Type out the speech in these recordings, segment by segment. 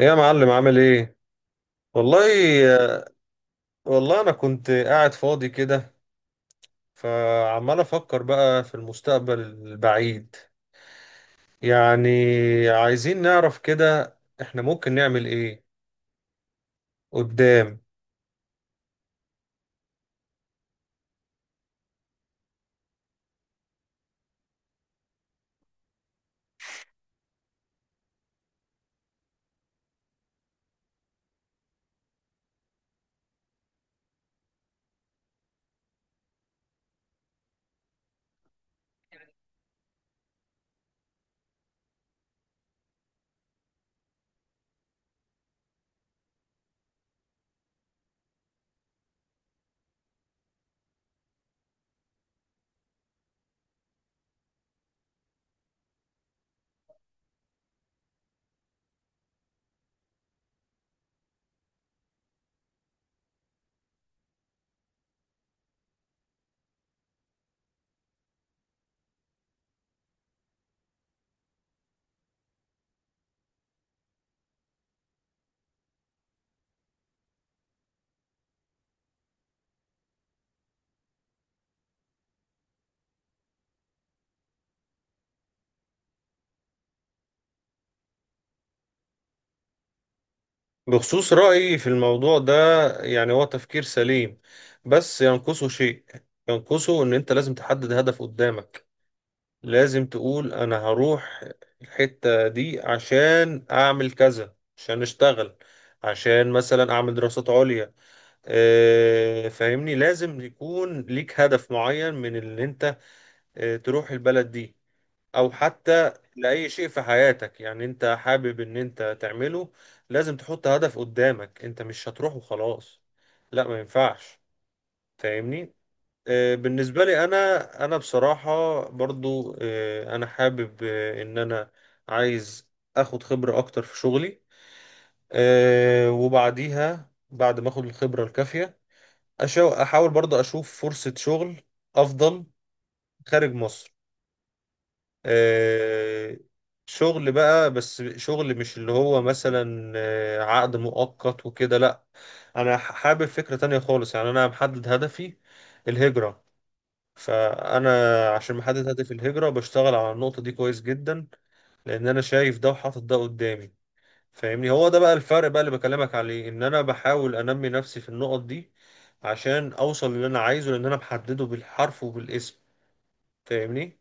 ايه يا معلم عامل ايه؟ والله والله، انا كنت قاعد فاضي كده، فعمال افكر بقى في المستقبل البعيد، يعني عايزين نعرف كده احنا ممكن نعمل ايه قدام. بخصوص رأيي في الموضوع ده، يعني هو تفكير سليم بس ينقصه شيء. ينقصه ان انت لازم تحدد هدف قدامك. لازم تقول انا هروح الحتة دي عشان اعمل كذا، عشان اشتغل، عشان مثلا اعمل دراسات عليا. فاهمني، لازم يكون ليك هدف معين من اللي انت تروح البلد دي، او حتى لأي شيء في حياتك يعني انت حابب ان انت تعمله. لازم تحط هدف قدامك، انت مش هتروح وخلاص، لا ما ينفعش. فاهمني. بالنسبة لي أنا، أنا بصراحة برضو أنا حابب إن أنا عايز أخد خبرة أكتر في شغلي. وبعديها بعد ما أخد الخبرة الكافية أحاول برضو أشوف فرصة شغل أفضل خارج مصر. آه، شغل بقى، بس شغل مش اللي هو مثلا عقد مؤقت وكده، لأ. أنا حابب فكرة تانية خالص. يعني أنا محدد هدفي، الهجرة. فانا عشان محدد هدف الهجره بشتغل على النقطه دي كويس جدا، لان انا شايف ده وحاطط ده قدامي. فاهمني، هو ده بقى الفرق بقى اللي بكلمك عليه، ان انا بحاول انمي نفسي في النقط دي عشان اوصل للي انا عايزه، لان انا محدده بالحرف وبالاسم. فاهمني.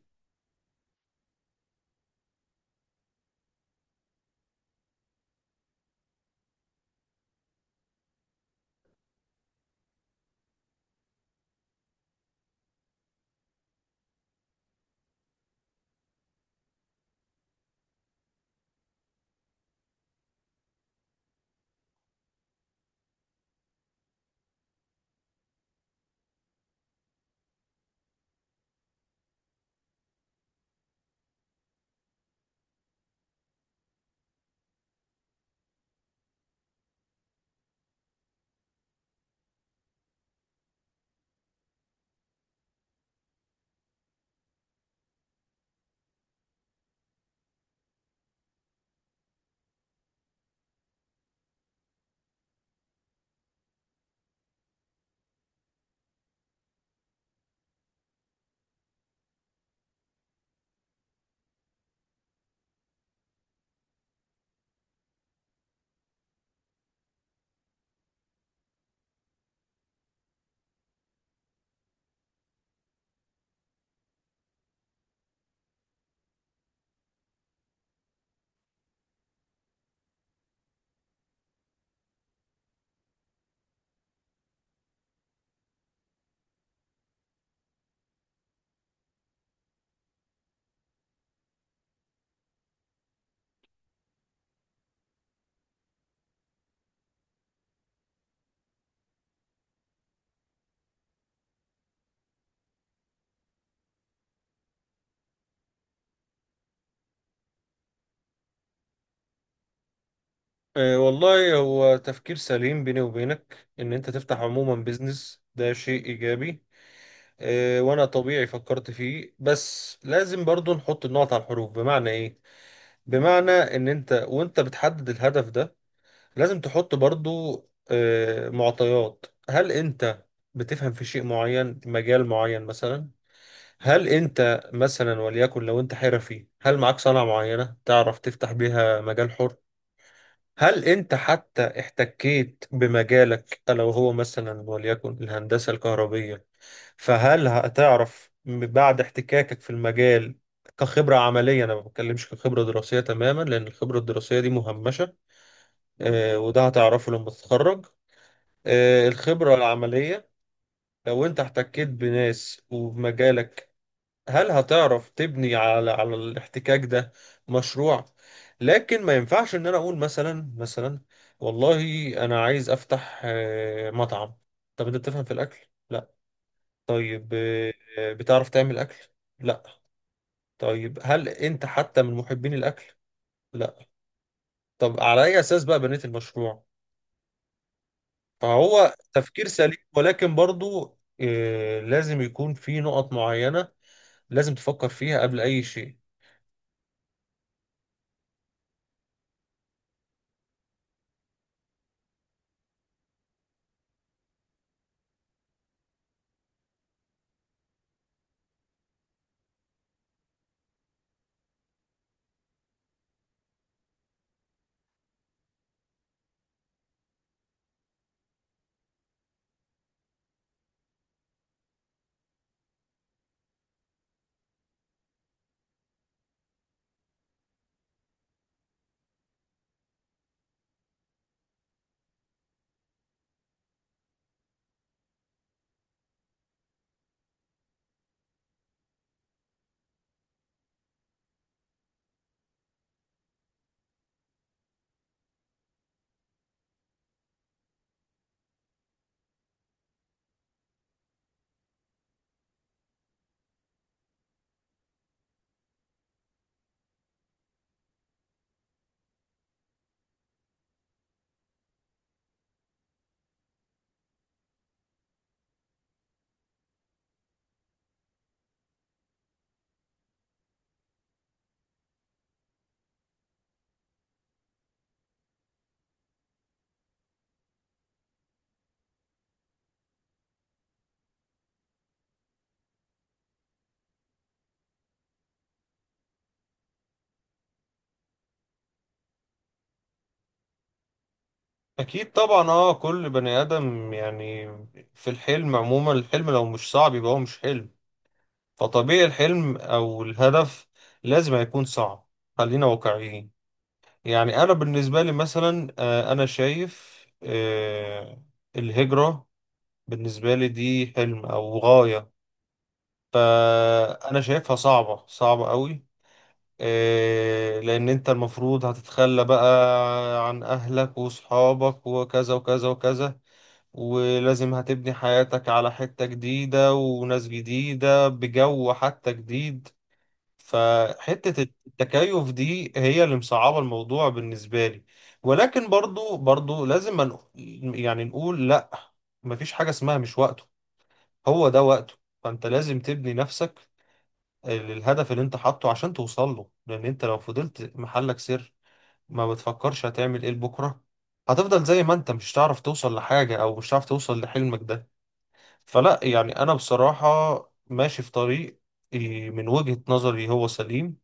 أه والله هو تفكير سليم بيني وبينك، ان انت تفتح عموما بيزنس ده شيء ايجابي. أه وانا طبيعي فكرت فيه، بس لازم برضو نحط النقط على الحروف. بمعنى ايه؟ بمعنى ان انت وانت بتحدد الهدف ده لازم تحط برضو معطيات. هل انت بتفهم في شيء معين، مجال معين مثلا؟ هل انت مثلا وليكن لو انت حرفي، هل معاك صنعة معينة تعرف تفتح بيها مجال حر؟ هل انت حتى احتكيت بمجالك لو هو مثلا وليكن الهندسة الكهربية؟ فهل هتعرف بعد احتكاكك في المجال كخبرة عملية؟ أنا ما بتكلمش كخبرة دراسية تماما، لأن الخبرة الدراسية دي مهمشة. وده هتعرفه لما تتخرج، الخبرة العملية. لو انت احتكيت بناس وبمجالك، هل هتعرف تبني على الاحتكاك ده مشروع؟ لكن ما ينفعش ان انا اقول مثلا والله انا عايز افتح مطعم. طب انت بتفهم في الاكل؟ لا. طيب، بتعرف تعمل اكل؟ لا. طيب هل انت حتى من محبين الاكل؟ لا. طب على اي اساس بقى بنيت المشروع؟ فهو تفكير سليم ولكن برضو لازم يكون في نقط معينة لازم تفكر فيها قبل أي شيء. أكيد طبعا، اه كل بني آدم يعني في الحلم عموما. الحلم لو مش صعب يبقى هو مش حلم. فطبيعي الحلم أو الهدف لازم هيكون صعب. خلينا واقعيين. يعني أنا بالنسبة لي مثلا، أنا شايف الهجرة بالنسبة لي دي حلم أو غاية. فأنا شايفها صعبة صعبة قوي. لأن أنت المفروض هتتخلى بقى عن أهلك وصحابك وكذا وكذا وكذا، ولازم هتبني حياتك على حتة جديدة وناس جديدة بجو حتى جديد. فحتة التكيف دي هي اللي مصعبة الموضوع بالنسبة لي. ولكن برضو لازم، من يعني نقول لأ، مفيش حاجة اسمها مش وقته، هو ده وقته. فأنت لازم تبني نفسك للهدف اللي انت حاطه عشان توصل له. لان انت لو فضلت محلك سر ما بتفكرش هتعمل ايه بكره، هتفضل زي ما انت، مش هتعرف توصل لحاجة او مش هتعرف توصل لحلمك ده. فلا، يعني انا بصراحة ماشي في طريق، إيه، من وجهة نظري هو سليم،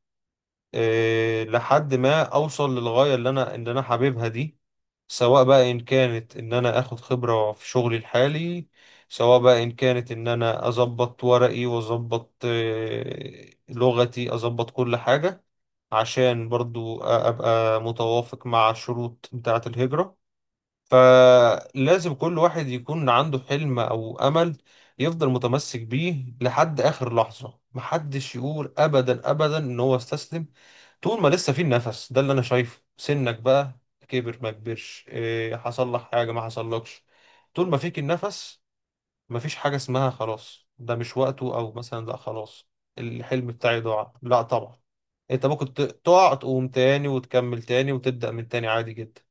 لحد ما اوصل للغايه اللي انا حاببها دي. سواء بقى ان كانت ان انا اخد خبره في شغلي الحالي، سواء بقى ان كانت ان انا اظبط ورقي واظبط لغتي، اظبط كل حاجه عشان برضو ابقى متوافق مع الشروط بتاعه الهجره. فلازم كل واحد يكون عنده حلم او امل يفضل متمسك بيه لحد اخر لحظه. محدش يقول ابدا ابدا ان هو استسلم طول ما لسه في النفس ده. اللي انا شايفه، سنك بقى كبر ما كبرش، إيه حصل لك حاجه ما حصلكش، طول ما فيك النفس مفيش حاجه اسمها خلاص ده مش وقته، او مثلا لا خلاص الحلم بتاعي ضاع، لا طبعا. انت ممكن تقع تقوم تاني وتكمل تاني وتبدأ من تاني عادي جدا.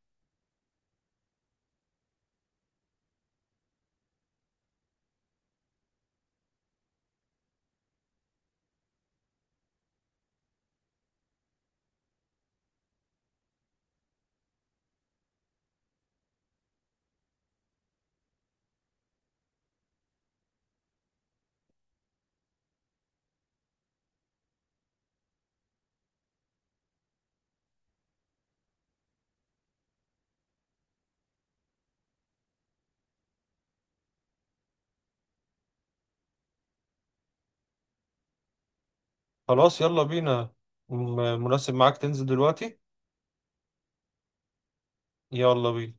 خلاص يلا بينا. مناسب معاك تنزل دلوقتي؟ يلا بينا.